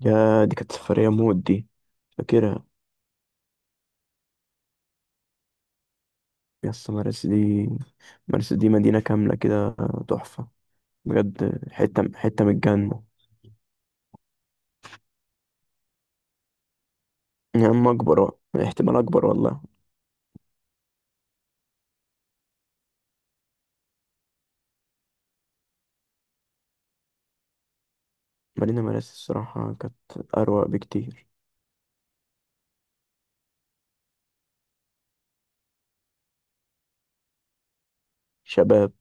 يا دي كانت سفرية موت دي. فاكرها. يا اسطى مرسى دي. مرسى دي مدينة كاملة كده. تحفة. بجد حتة حتة من الجنة. يا عم أكبر بقى. احتمال أكبر والله. مدينة مرسى الصراحة كانت أروق بكتير. شباب.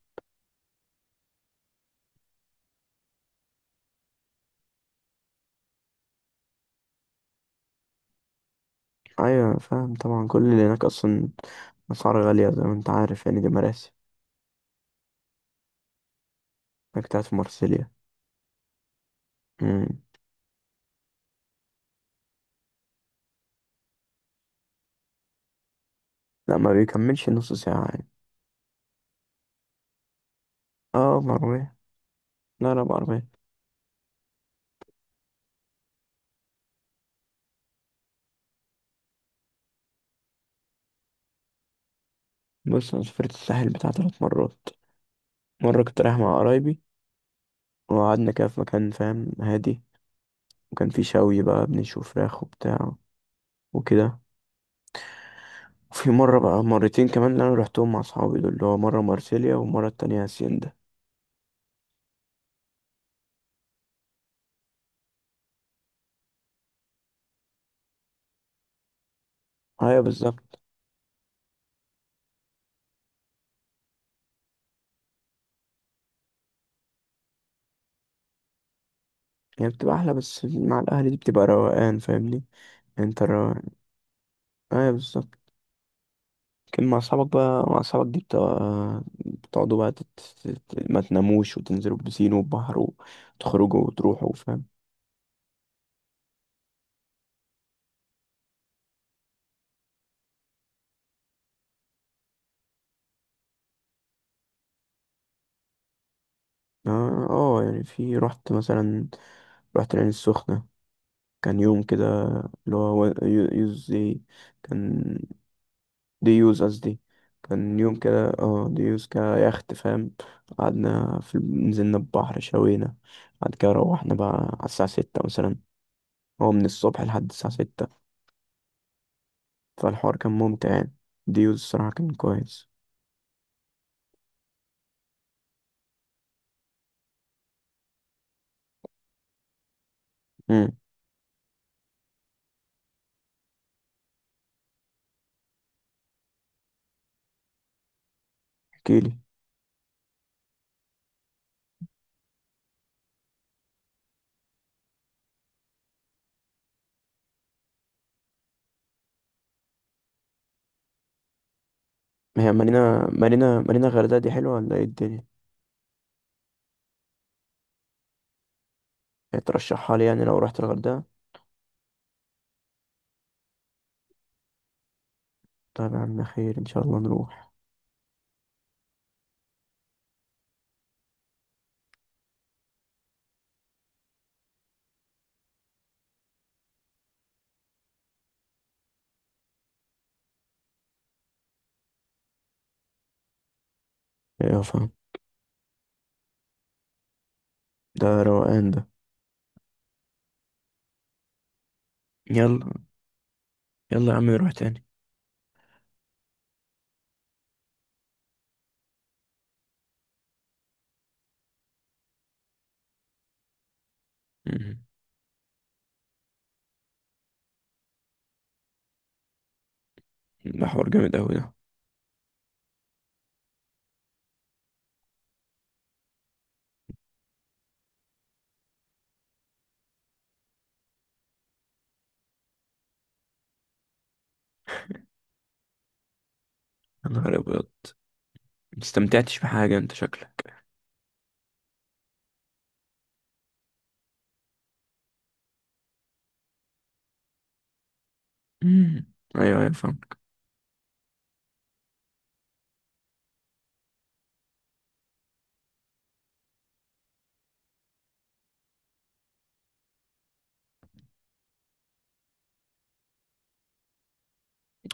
أيوة فاهم طبعا، كل اللي هناك أصلا أسعار غالية زي ما أنت عارف يعني، دي مراسي. أنا كنت قاعد في مرسيليا. مم. لا ما بيكملش نص ساعة يعني. اه بعربية. لا لا بعربية. بص أنا سافرت الساحل بتاع تلات مرات. مرة كنت رايح مع قرايبي وقعدنا كده في مكان فاهم هادي، وكان في شوي بقى بنشوي فراخ وبتاع وكده. وفي مرة بقى مرتين كمان اللي أنا روحتهم مع أصحابي دول، اللي هو مرة مارسيليا والمرة التانية هاسيندا. أيوة بالظبط. يعني بتبقى أحلى، بس مع الأهل دي بتبقى روقان فاهمني. أنت الروقان. أيوة بالظبط. لكن مع أصحابك بقى، مع أصحابك دي بتبقى بتقعدوا بقى تت... تت- ما تناموش وتنزلوا البسين والبحر وتخرجوا وتروحوا فاهم. اه يعني في رحت مثلا، رحت العين السخنة. كان يوم كده اللي هو يوز دي. كان دي يوز قصدي. كان يوم كده اه دي يوز كيخت فاهم. قعدنا في نزلنا البحر شوينا. بعد كده روحنا بقى على الساعة ستة مثلا. هو من الصبح لحد الساعة ستة، فالحوار كان ممتع يعني. دي يوز الصراحة كان كويس. امم. احكيلي. هي مارينا مارينا الغردقة دي حلوة ولا ايه الدنيا؟ يعني ترشحها لي يعني لو رحت الغردقة؟ طيب يا عم، خير ان شاء الله نروح. ايوه فاهم. ده روقان ده. يلا، يلا يا عم نروح تاني. مم. ده حوار جامد أوي ده. يا نهار أبيض. مستمتعتش بحاجة أنت شكلك. مم. أيوه أيوه فهمك.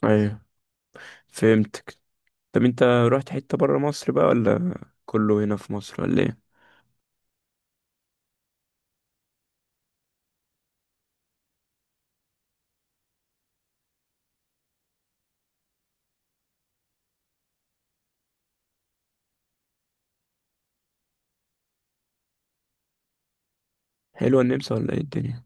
أيوه فهمتك. طب أنت رحت حتة برا مصر بقى ولا كله هنا في مصر ولا إيه؟ حلوة النمسا ولا إيه الدنيا؟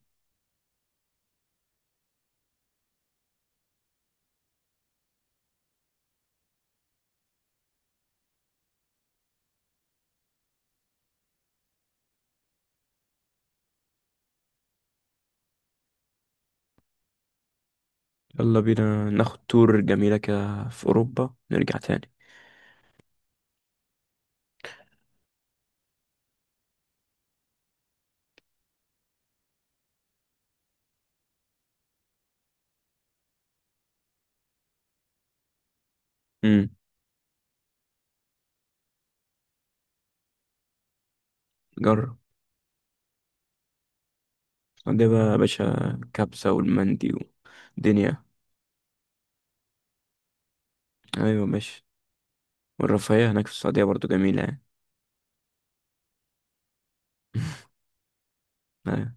يلا بينا ناخد تور جميلة كده في أوروبا نرجع تاني. مم. جرب. السعودية بقى يا باشا، كبسة والمندي ودنيا. أيوه ماشي. والرفاهية هناك في السعودية برضو جميلة يعني. أيوه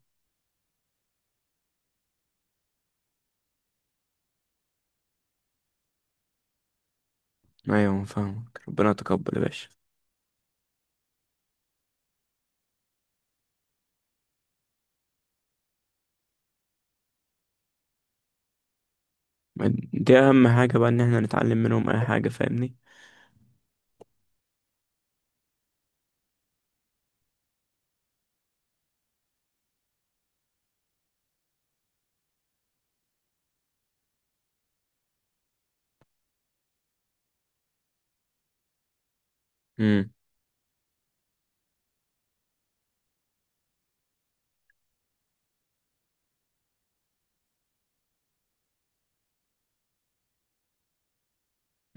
أيوه فاهمك، ربنا يتقبل يا باشا. دي اهم حاجة بقى، ان احنا نتعلم منهم اي حاجة فاهمني. امم.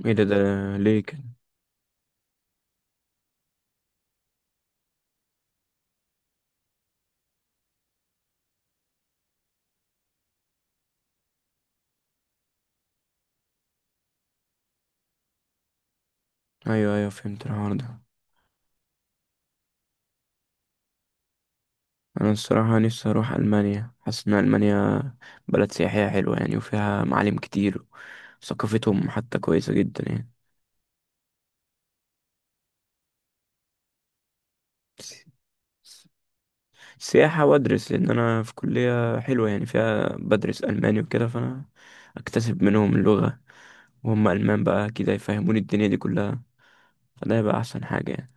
ايه ده؟ ده ليه كده؟ ايوه ايوه فهمت الحوار ده. انا الصراحة نفسي اروح المانيا، حاسس ان المانيا بلد سياحية حلوة يعني وفيها معالم كتير، وثقافتهم حتى كويسة جدا يعني. سياحة وادرس، لان انا في كلية حلوة يعني فيها بدرس الماني وكده، فانا اكتسب منهم اللغة وهم المان بقى كده يفهموني الدنيا دي كلها، فده يبقى احسن حاجة يعني.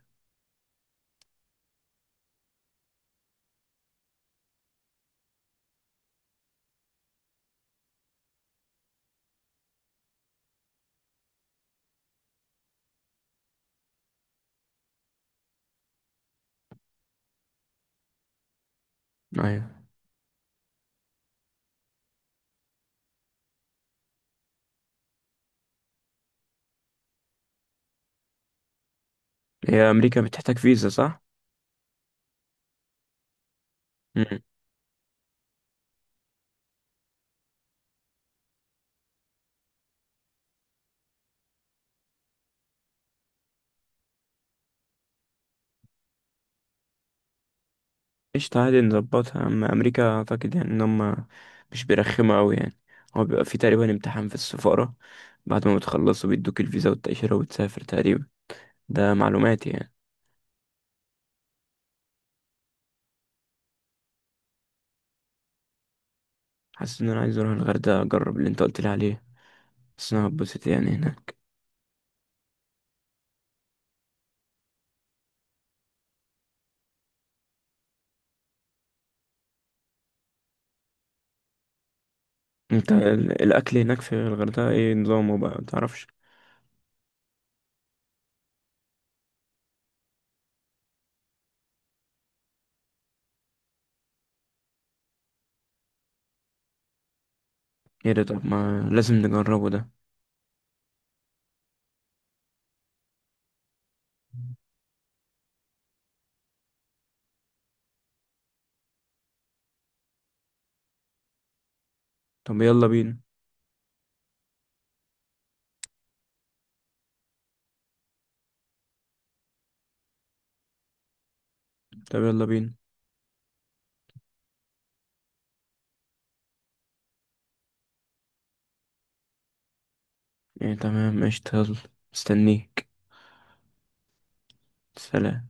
ايوه. هي امريكا بتحتاج فيزا صح؟ قشطة عادي نظبطها. أما أمريكا أعتقد يعني إن هما مش بيرخموا أوي يعني. هو بيبقى فيه تقريبا امتحان في السفارة، بعد ما بتخلصوا بيدوك الفيزا والتأشيرة وتسافر تقريبا. ده معلوماتي يعني. حاسس إن أنا عايز أروح الغردقة أجرب اللي أنت قلت لي عليه، بس أنا هتبسط يعني هناك. أنت الأكل هناك في الغردقة إيه نظامه بقى متعرفش؟ إيه ده؟ طب ما لازم نجربه ده. طب يلا بينا. طب يلا بينا. يعني تمام قشطة، يلا. مستنيك. سلام.